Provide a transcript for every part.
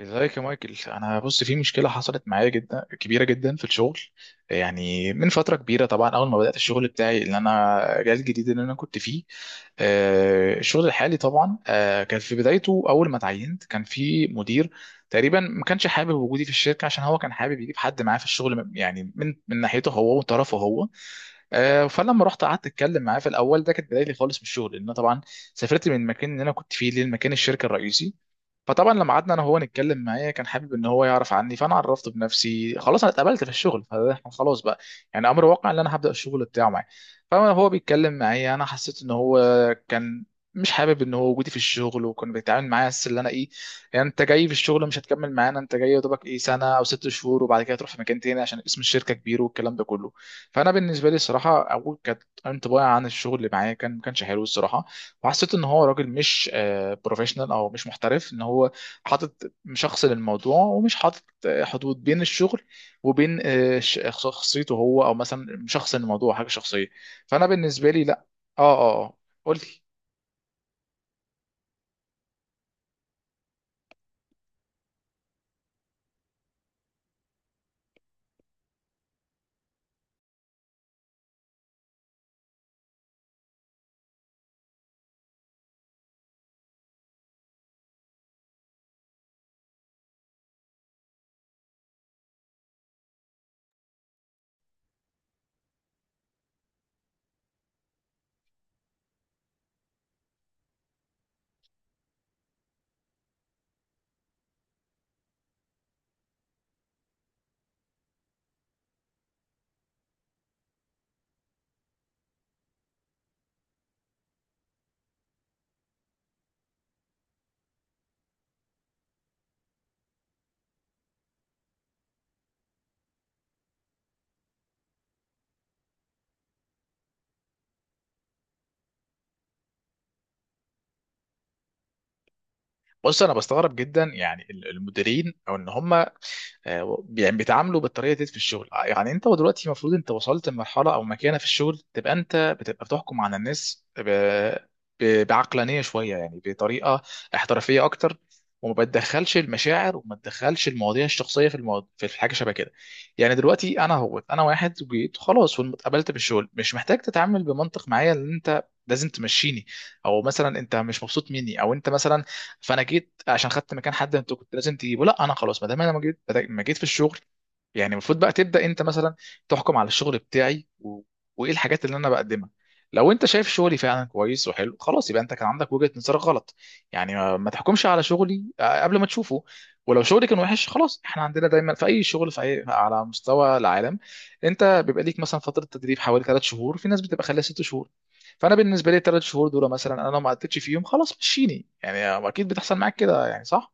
ازيك يا مايكل. انا بص، في مشكله حصلت معايا جدا كبيره جدا في الشغل. يعني من فتره كبيره طبعا، اول ما بدات الشغل بتاعي اللي انا جال جديد اللي انا كنت فيه. الشغل الحالي طبعا، كان في بدايته اول ما اتعينت كان في مدير تقريبا ما كانش حابب وجودي في الشركه، عشان هو كان حابب يجيب حد معاه في الشغل، يعني من ناحيته هو وطرفه هو. فلما رحت قعدت اتكلم معاه في الاول، ده كانت بدايتي خالص من الشغل، لان أنا طبعا سافرت من المكان اللي انا كنت فيه للمكان الشركه الرئيسي. فطبعا لما قعدنا انا وهو نتكلم، معايا كان حابب ان هو يعرف عني، فانا عرفته بنفسي. خلاص انا اتقبلت في الشغل، فاحنا خلاص بقى، يعني امر واقع ان انا هبدا الشغل بتاعه معاه. فانا هو بيتكلم معايا، انا حسيت ان هو كان مش حابب ان هو وجودي في الشغل، وكان بيتعامل معايا بس اللي انا ايه، يعني انت جاي في الشغل مش هتكمل معانا، انت جاي يا دوبك ايه سنه او 6 شهور، وبعد كده تروح في مكان تاني عشان اسم الشركه كبير، والكلام ده كله. فانا بالنسبه لي الصراحه، اول كانت انطباعي عن الشغل اللي معايا كان ما كانش حلو الصراحه. وحسيت ان هو راجل مش بروفيشنال، او مش محترف، ان هو حاطط شخص للموضوع، ومش حاطط حدود بين الشغل وبين شخصيته هو، او مثلا شخص للموضوع حاجه شخصيه. فانا بالنسبه لي لا. اه، اه، آه. قلت، بص انا بستغرب جدا يعني المديرين او ان هم يعني بيتعاملوا بالطريقه دي في الشغل. يعني انت دلوقتي المفروض، انت وصلت لمرحله او مكانه في الشغل، تبقى انت بتبقى بتحكم على الناس بعقلانيه شويه، يعني بطريقه احترافيه اكتر، وما بتدخلش المشاعر، وما تدخلش المواضيع الشخصيه في المواضيع في حاجه شبه كده. يعني دلوقتي انا، هو انا واحد جيت خلاص واتقبلت بالشغل، مش محتاج تتعامل بمنطق معايا ان انت لازم تمشيني، او مثلا انت مش مبسوط مني، او انت مثلا، فانا جيت عشان خدت مكان حد انت كنت لازم تجيبه. لا، انا خلاص، ما دام انا ما جيت، ما جيت في الشغل، يعني المفروض بقى تبدأ انت مثلا تحكم على الشغل بتاعي وايه الحاجات اللي انا بقدمها. لو انت شايف شغلي فعلا كويس وحلو، خلاص يبقى انت كان عندك وجهة نظر غلط. يعني ما تحكمش على شغلي قبل ما تشوفه. ولو شغلي كان وحش، خلاص احنا عندنا دايما في اي شغل، على مستوى العالم، انت بيبقى ليك مثلا فترة تدريب حوالي 3 شهور، في ناس بتبقى خلال 6 شهور. فانا بالنسبه لي الـ3 شهور دول مثلا، انا لو ما قدتش فيهم خلاص مشيني. يعني اكيد بتحصل معاك كده يعني، صح؟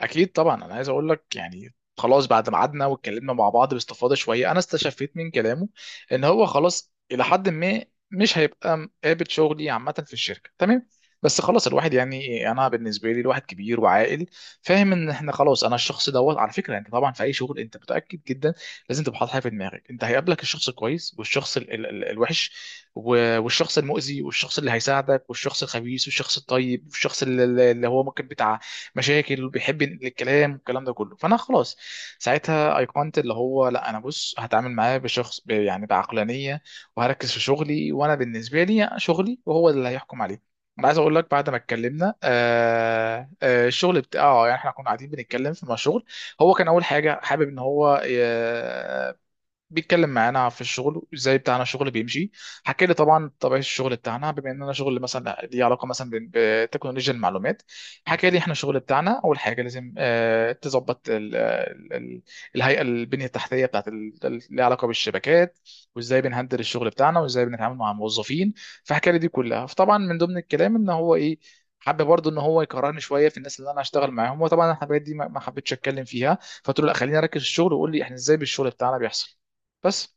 اكيد طبعا. انا عايز اقول لك يعني، خلاص بعد ما قعدنا واتكلمنا مع بعض باستفاضه شويه، انا استشفيت من كلامه ان هو خلاص الى حد ما مش هيبقى قابل شغلي عامه في الشركه. تمام، بس خلاص الواحد يعني، انا بالنسبه لي الواحد كبير وعاقل، فاهم ان احنا خلاص. انا الشخص دوت على فكره، انت طبعا في اي شغل انت متاكد جدا لازم تبقى حاطط حاجه في دماغك، انت هيقابلك الشخص الكويس والشخص ال الوحش، والشخص المؤذي، والشخص اللي هيساعدك، والشخص الخبيث، والشخص الطيب، والشخص اللي اللي هو ممكن بتاع مشاكل بيحب ينقل الكلام، والكلام ده كله. فانا خلاص ساعتها ايقنت اللي هو لا، انا بص هتعامل معاه بشخص يعني بعقلانيه، وهركز في شغلي، وانا بالنسبه لي شغلي وهو اللي هيحكم عليه. انا عايز اقول لك، بعد ما اتكلمنا الشغل بتاعه، يعني احنا كنا قاعدين بنتكلم في مشروع. هو كان اول حاجه حابب ان هو بيتكلم معانا في الشغل وازاي بتاعنا الشغل بيمشي. حكى لي طبعا طبيعه الشغل بتاعنا، بما ان انا شغل مثلا ليه علاقه مثلا بتكنولوجيا المعلومات. حكى لي احنا الشغل بتاعنا اول حاجه لازم تظبط الهيئه، البنيه التحتيه بتاعت ليها علاقه بالشبكات، وازاي بنهندل الشغل بتاعنا، وازاي بنتعامل مع الموظفين. فحكى لي دي كلها، فطبعا من ضمن الكلام ان هو ايه، حابب برضه ان هو يكرهني شويه في الناس اللي انا هشتغل معاهم. وطبعا الحاجات دي ما حبيتش اتكلم فيها، فقلت له لا، خليني اركز في الشغل، وقول لي احنا ازاي بالشغل بتاعنا بيحصل بس.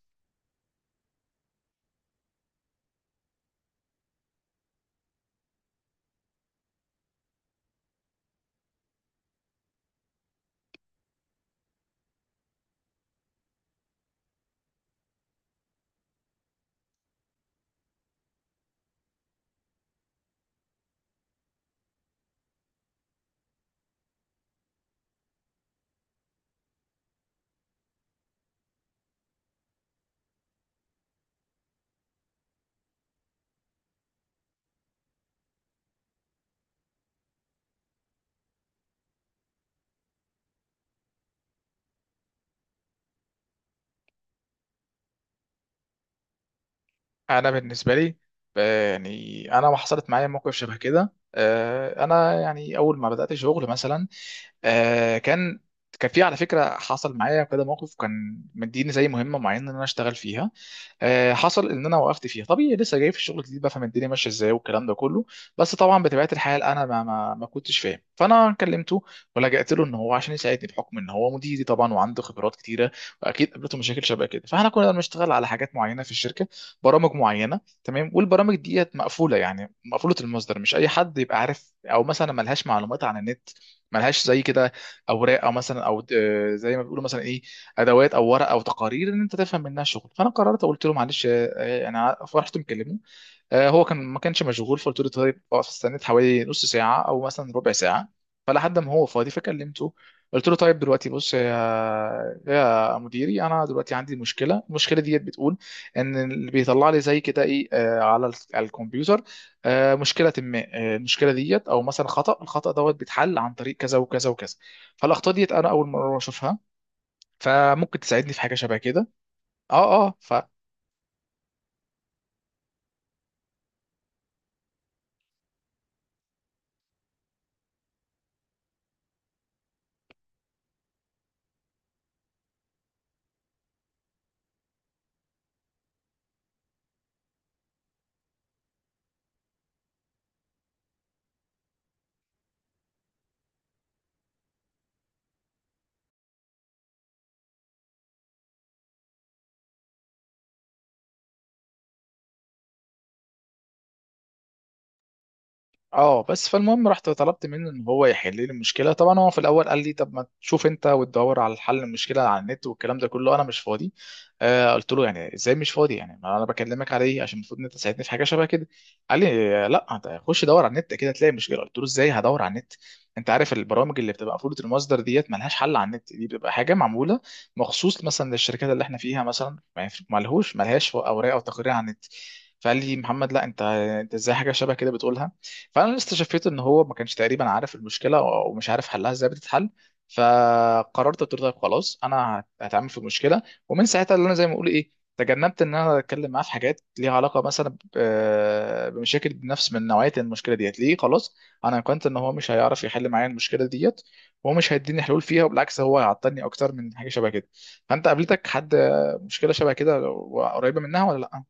انا بالنسبه لي، يعني انا ما حصلت معايا موقف شبه كده. انا يعني اول ما بدات شغل مثلا آه كان كان في على فكره، حصل معايا كده موقف، كان مديني زي مهمه معينه ان انا اشتغل فيها. حصل ان انا وقفت فيها طبيعي، لسه جاي في الشغل الجديد، بفهم الدنيا ماشيه ازاي، والكلام ده كله. بس طبعا بطبيعه الحال انا ما كنتش فاهم، فانا كلمته ولجأت له ان هو عشان يساعدني، بحكم ان هو مديري طبعا، وعنده خبرات كتيره، واكيد قابلته مشاكل شبه كده. فاحنا كنا بنشتغل على حاجات معينه في الشركه، برامج معينه، تمام. والبرامج ديت مقفوله، يعني مقفوله المصدر، مش اي حد يبقى عارف، او مثلا ملهاش معلومات عن النت، ملهاش زي كده اوراق، او مثلا، او زي ما بيقولوا مثلا ايه، ادوات او ورق او تقارير ان انت تفهم منها شغل. فانا قررت قلت له معلش، انا فرحت مكلمه، هو كان ما كانش مشغول، فقلت له طيب اقف، استنيت حوالي نص ساعه او مثلا ربع ساعه فلحد ما هو فاضي فكلمته. قلت له طيب دلوقتي بص، يا مديري، انا دلوقتي عندي مشكله، المشكله ديت بتقول ان اللي بيطلع لي زي كده ايه، على على الكمبيوتر مشكله ما. المشكله ديت، او مثلا الخطا دوت بيتحل عن طريق كذا وكذا وكذا، فالاخطاء ديت انا اول مره اشوفها، فممكن تساعدني في حاجه شبه كده؟ اه، اه، اه. بس فالمهم رحت طلبت منه ان هو يحل لي المشكله. طبعا هو في الاول قال لي طب ما تشوف انت وتدور على حل المشكله على النت، والكلام ده كله، انا مش فاضي. قلت له يعني ازاي مش فاضي؟ يعني ما انا بكلمك على ايه، عشان المفروض ان انت تساعدني في حاجه شبه كده. قال لي لا، انت خش دور على النت كده تلاقي مشكله. قلت له ازاي هدور على النت؟ انت عارف البرامج اللي بتبقى مفروض، المصدر ديت ملهاش حل على النت، دي بتبقى حاجه معموله مخصوص مثلا للشركات اللي احنا فيها، مثلا ما ينفع- ملهوش، ملهاش اوراق او تقارير على النت. فقال لي محمد، لا انت ازاي حاجه شبه كده بتقولها؟ فانا استشفيت ان هو ما كانش تقريبا عارف المشكله، ومش عارف حلها ازاي بتتحل. فقررت قلت له طيب خلاص، انا هتعمل في المشكله. ومن ساعتها اللي انا زي ما اقول ايه، تجنبت ان انا اتكلم معاه في حاجات ليها علاقه مثلا بمشاكل، بنفس من نوعيه المشكله ديت ليه، خلاص انا كنت ان هو مش هيعرف يحل معايا المشكله ديت، وهو مش هيديني حلول فيها، وبالعكس هو هيعطلني اكتر من حاجه شبه كده. فانت قابلتك حد مشكله شبه كده قريبه منها ولا لا؟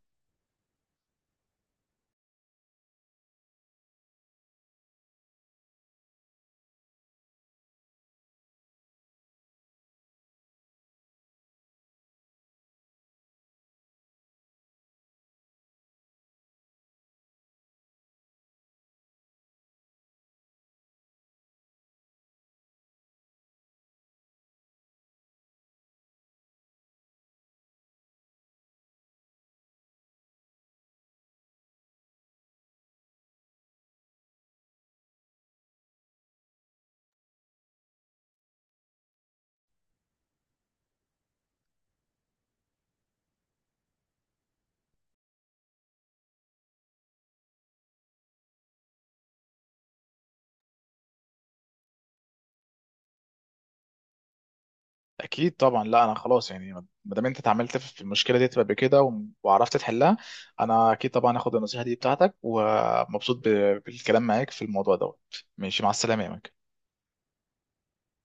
اكيد طبعا. لا انا خلاص يعني، ما دام انت اتعاملت في المشكله دي قبل كده وعرفت تحلها، انا اكيد طبعا هاخد النصيحه دي بتاعتك، ومبسوط بالكلام معاك في الموضوع دوت. ماشي، مع السلامه يا مك.